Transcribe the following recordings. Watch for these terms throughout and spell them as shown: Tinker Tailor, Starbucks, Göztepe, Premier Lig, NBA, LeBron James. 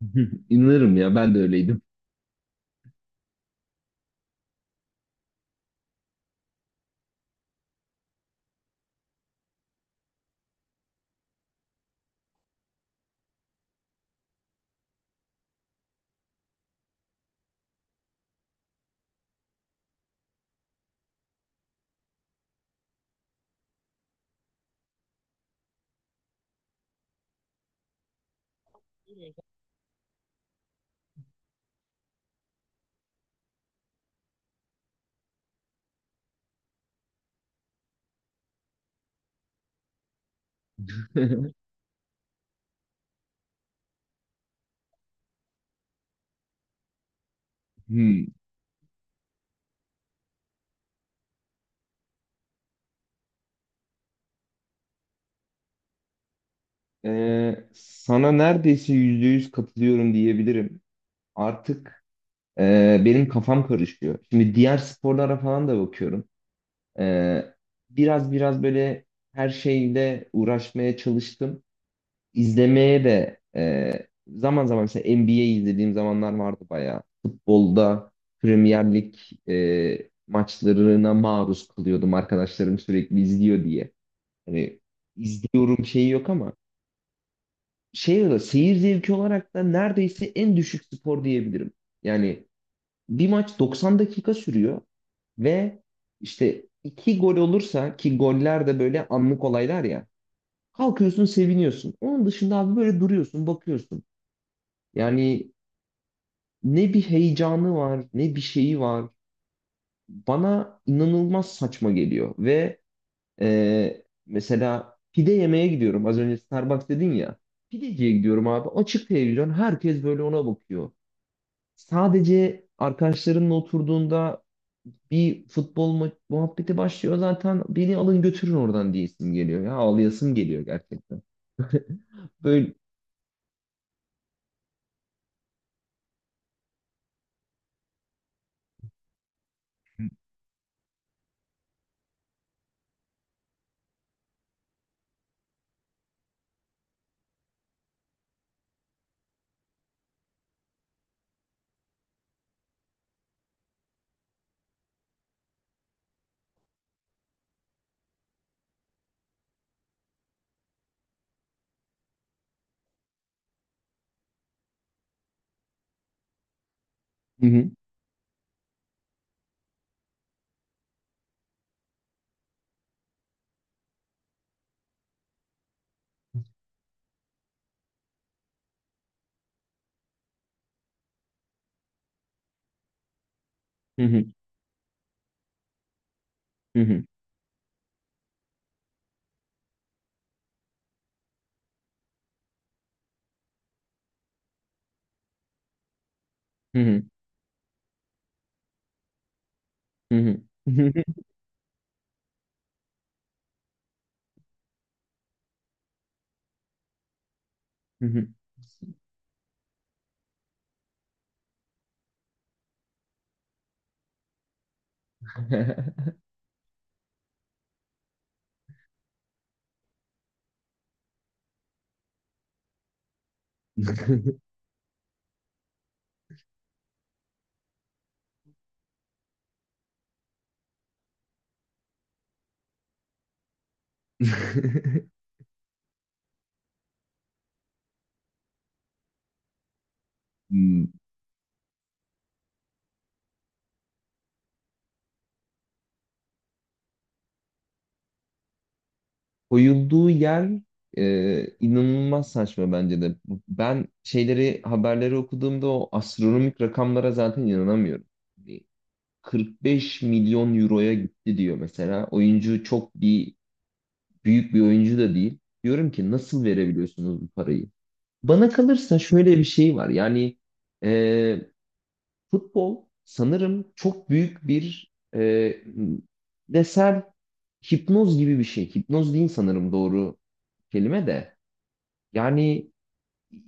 İnanırım ya, ben de öyleydim. Hmm. Sana neredeyse %100 katılıyorum diyebilirim. Artık benim kafam karışıyor. Şimdi diğer sporlara falan da bakıyorum. Ee, biraz böyle her şeyle uğraşmaya çalıştım. İzlemeye de zaman zaman mesela NBA izlediğim zamanlar vardı bayağı. Futbolda Premier Lig maçlarına maruz kalıyordum. Arkadaşlarım sürekli izliyor diye. Hani izliyorum şeyi yok ama şey olarak, seyir zevki olarak da neredeyse en düşük spor diyebilirim. Yani bir maç 90 dakika sürüyor ve işte iki gol olursa, ki goller de böyle anlık olaylar ya. Kalkıyorsun, seviniyorsun. Onun dışında abi böyle duruyorsun, bakıyorsun. Yani ne bir heyecanı var, ne bir şeyi var. Bana inanılmaz saçma geliyor. Ve mesela pide yemeye gidiyorum. Az önce Starbucks dedin ya. Pideciye gidiyorum abi. Açık televizyon. Herkes böyle ona bakıyor. Sadece arkadaşlarınla oturduğunda bir muhabbeti başlıyor. Zaten beni alın, götürün oradan diyesim geliyor. Ya, ağlayasım geliyor gerçekten. Böyle... Hı hı, hı hı, hı hı, hı hı, hı hı, hı hı, hı hı. Hmm, koyulduğu yer inanılmaz saçma bence de. Ben şeyleri, haberleri okuduğumda o astronomik rakamlara zaten inanamıyorum. Bir 45 milyon euroya gitti diyor mesela. Oyuncu çok bir büyük bir oyuncu da değil. Diyorum ki nasıl verebiliyorsunuz bu parayı? Bana kalırsa şöyle bir şey var. E, Futbol sanırım çok büyük bir desel hipnoz gibi bir şey. Hipnoz değil sanırım doğru kelime de. Yani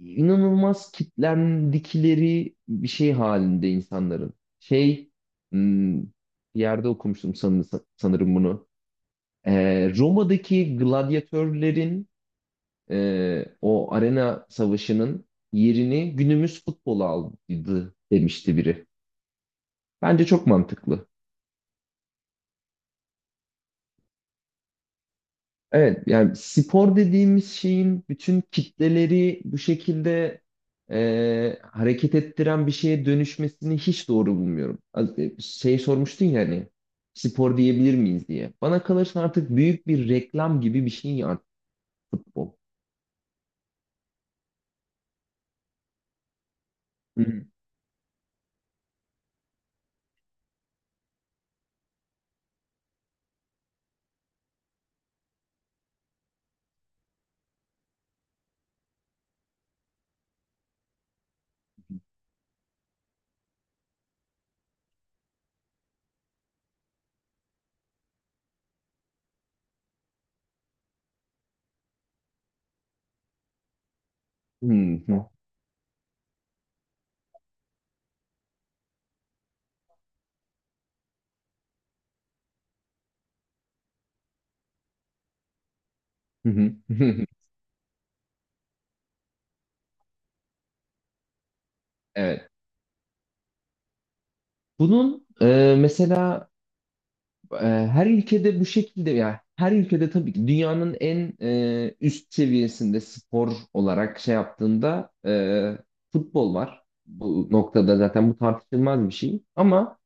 inanılmaz kitlendikleri bir şey halinde insanların. Şey, hmm, bir yerde okumuştum sanırım bunu. E, Roma'daki gladyatörlerin, o arena savaşının yerini günümüz futbolu aldı demişti biri. Bence çok mantıklı. Evet, yani spor dediğimiz şeyin bütün kitleleri bu şekilde hareket ettiren bir şeye dönüşmesini hiç doğru bulmuyorum. Şey sormuştun ya hani spor diyebilir miyiz diye. Bana kalırsa artık büyük bir reklam gibi bir şey artık futbol. Hı hı. Hı hı. Hı hı. Evet. Bunun E, her ülkede bu şekilde. Ya her ülkede tabii ki dünyanın en üst seviyesinde spor olarak şey yaptığında futbol var. Bu noktada zaten bu tartışılmaz bir şey. Ama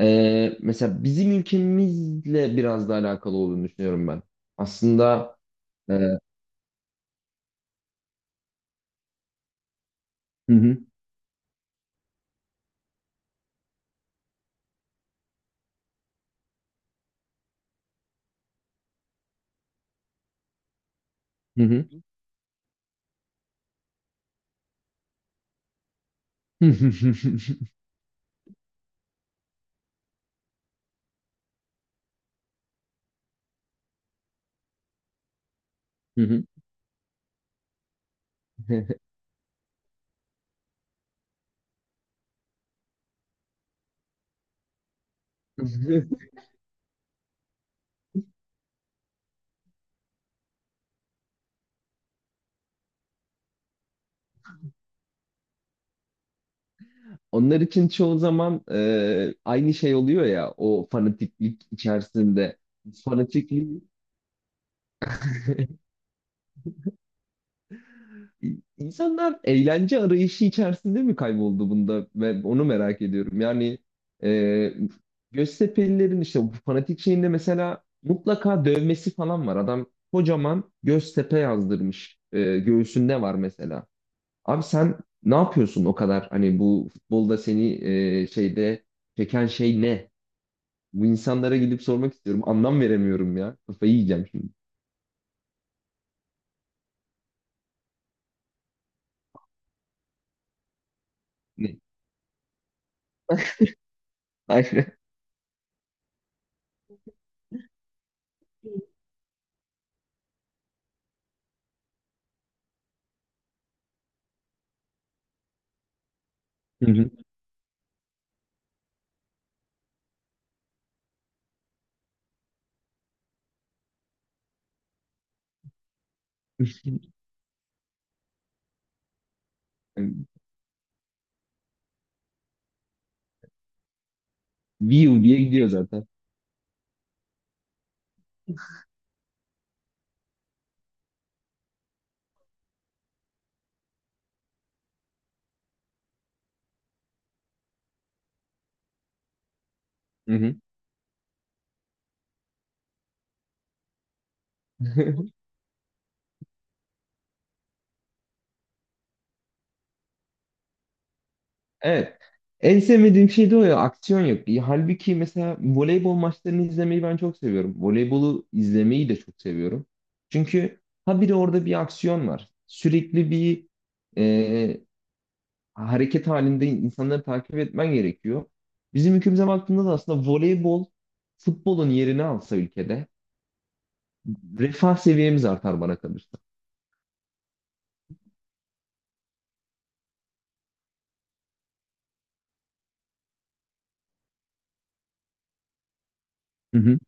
mesela bizim ülkemizle biraz da alakalı olduğunu düşünüyorum ben. Aslında e, hı hı, hı hı. Hı hı. Onlar için çoğu zaman aynı şey oluyor ya o fanatiklik içerisinde. Fanatiklik. İnsanlar eğlence arayışı içerisinde mi kayboldu bunda? Ve onu merak ediyorum. E, Göztepe'lilerin işte bu fanatik şeyinde mesela mutlaka dövmesi falan var. Adam kocaman Göztepe yazdırmış. E, göğsünde var mesela. Abi sen ne yapıyorsun o kadar? Hani bu futbolda seni e, şeyde çeken şey ne? Bu insanlara gidip sormak istiyorum. Anlam veremiyorum ya. Kafayı yiyeceğim şimdi. Ne? Aynen. Hı hı. View diye gidiyor zaten. Hı hı. Evet. En sevmediğim şey de o ya. Aksiyon yok. İyi. Halbuki mesela voleybol maçlarını izlemeyi ben çok seviyorum. Voleybolu izlemeyi de çok seviyorum. Çünkü habire orada bir aksiyon var. Sürekli bir e, hareket halinde insanları takip etmen gerekiyor. Bizim ülkemize baktığında da aslında voleybol futbolun yerini alsa ülkede refah seviyemiz artar bana kalırsa. Hı hı.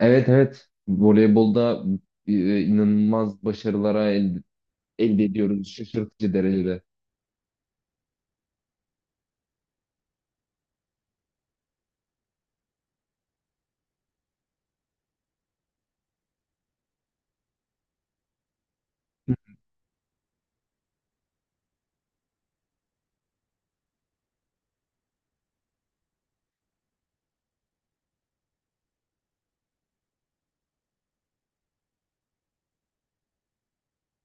Evet, evet. Voleybolda inanılmaz başarılara elde ediyoruz şaşırtıcı derecede.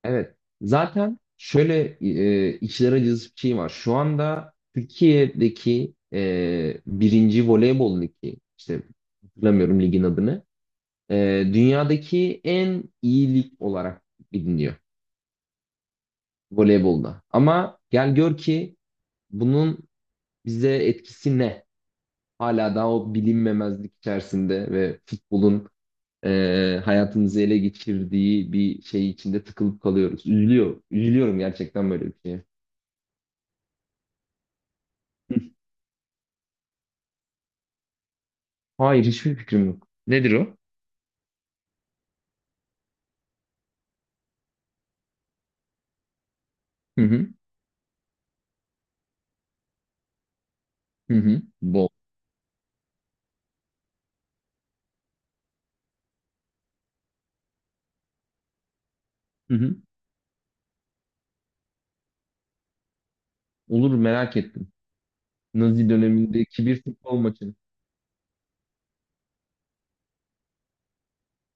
Evet. Zaten şöyle içler acısı bir şey var. Şu anda Türkiye'deki birinci voleybol ligi, işte hatırlamıyorum ligin adını, dünyadaki en iyi lig olarak biliniyor voleybolda. Ama gel gör ki bunun bize etkisi ne? Hala daha o bilinmemezlik içerisinde ve futbolun hayatımızı ele geçirdiği bir şey içinde tıkılıp kalıyoruz. Üzülüyor. Üzülüyorum gerçekten böyle bir şeye. Hayır, hiçbir fikrim yok. Nedir o? Hı hı. Hı hı. Bol. Hı hı. Olur, merak ettim. Nazi dönemindeki bir futbol maçı.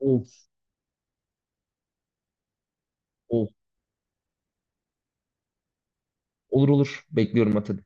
Of of. Olur olur. Bekliyorum Atilla.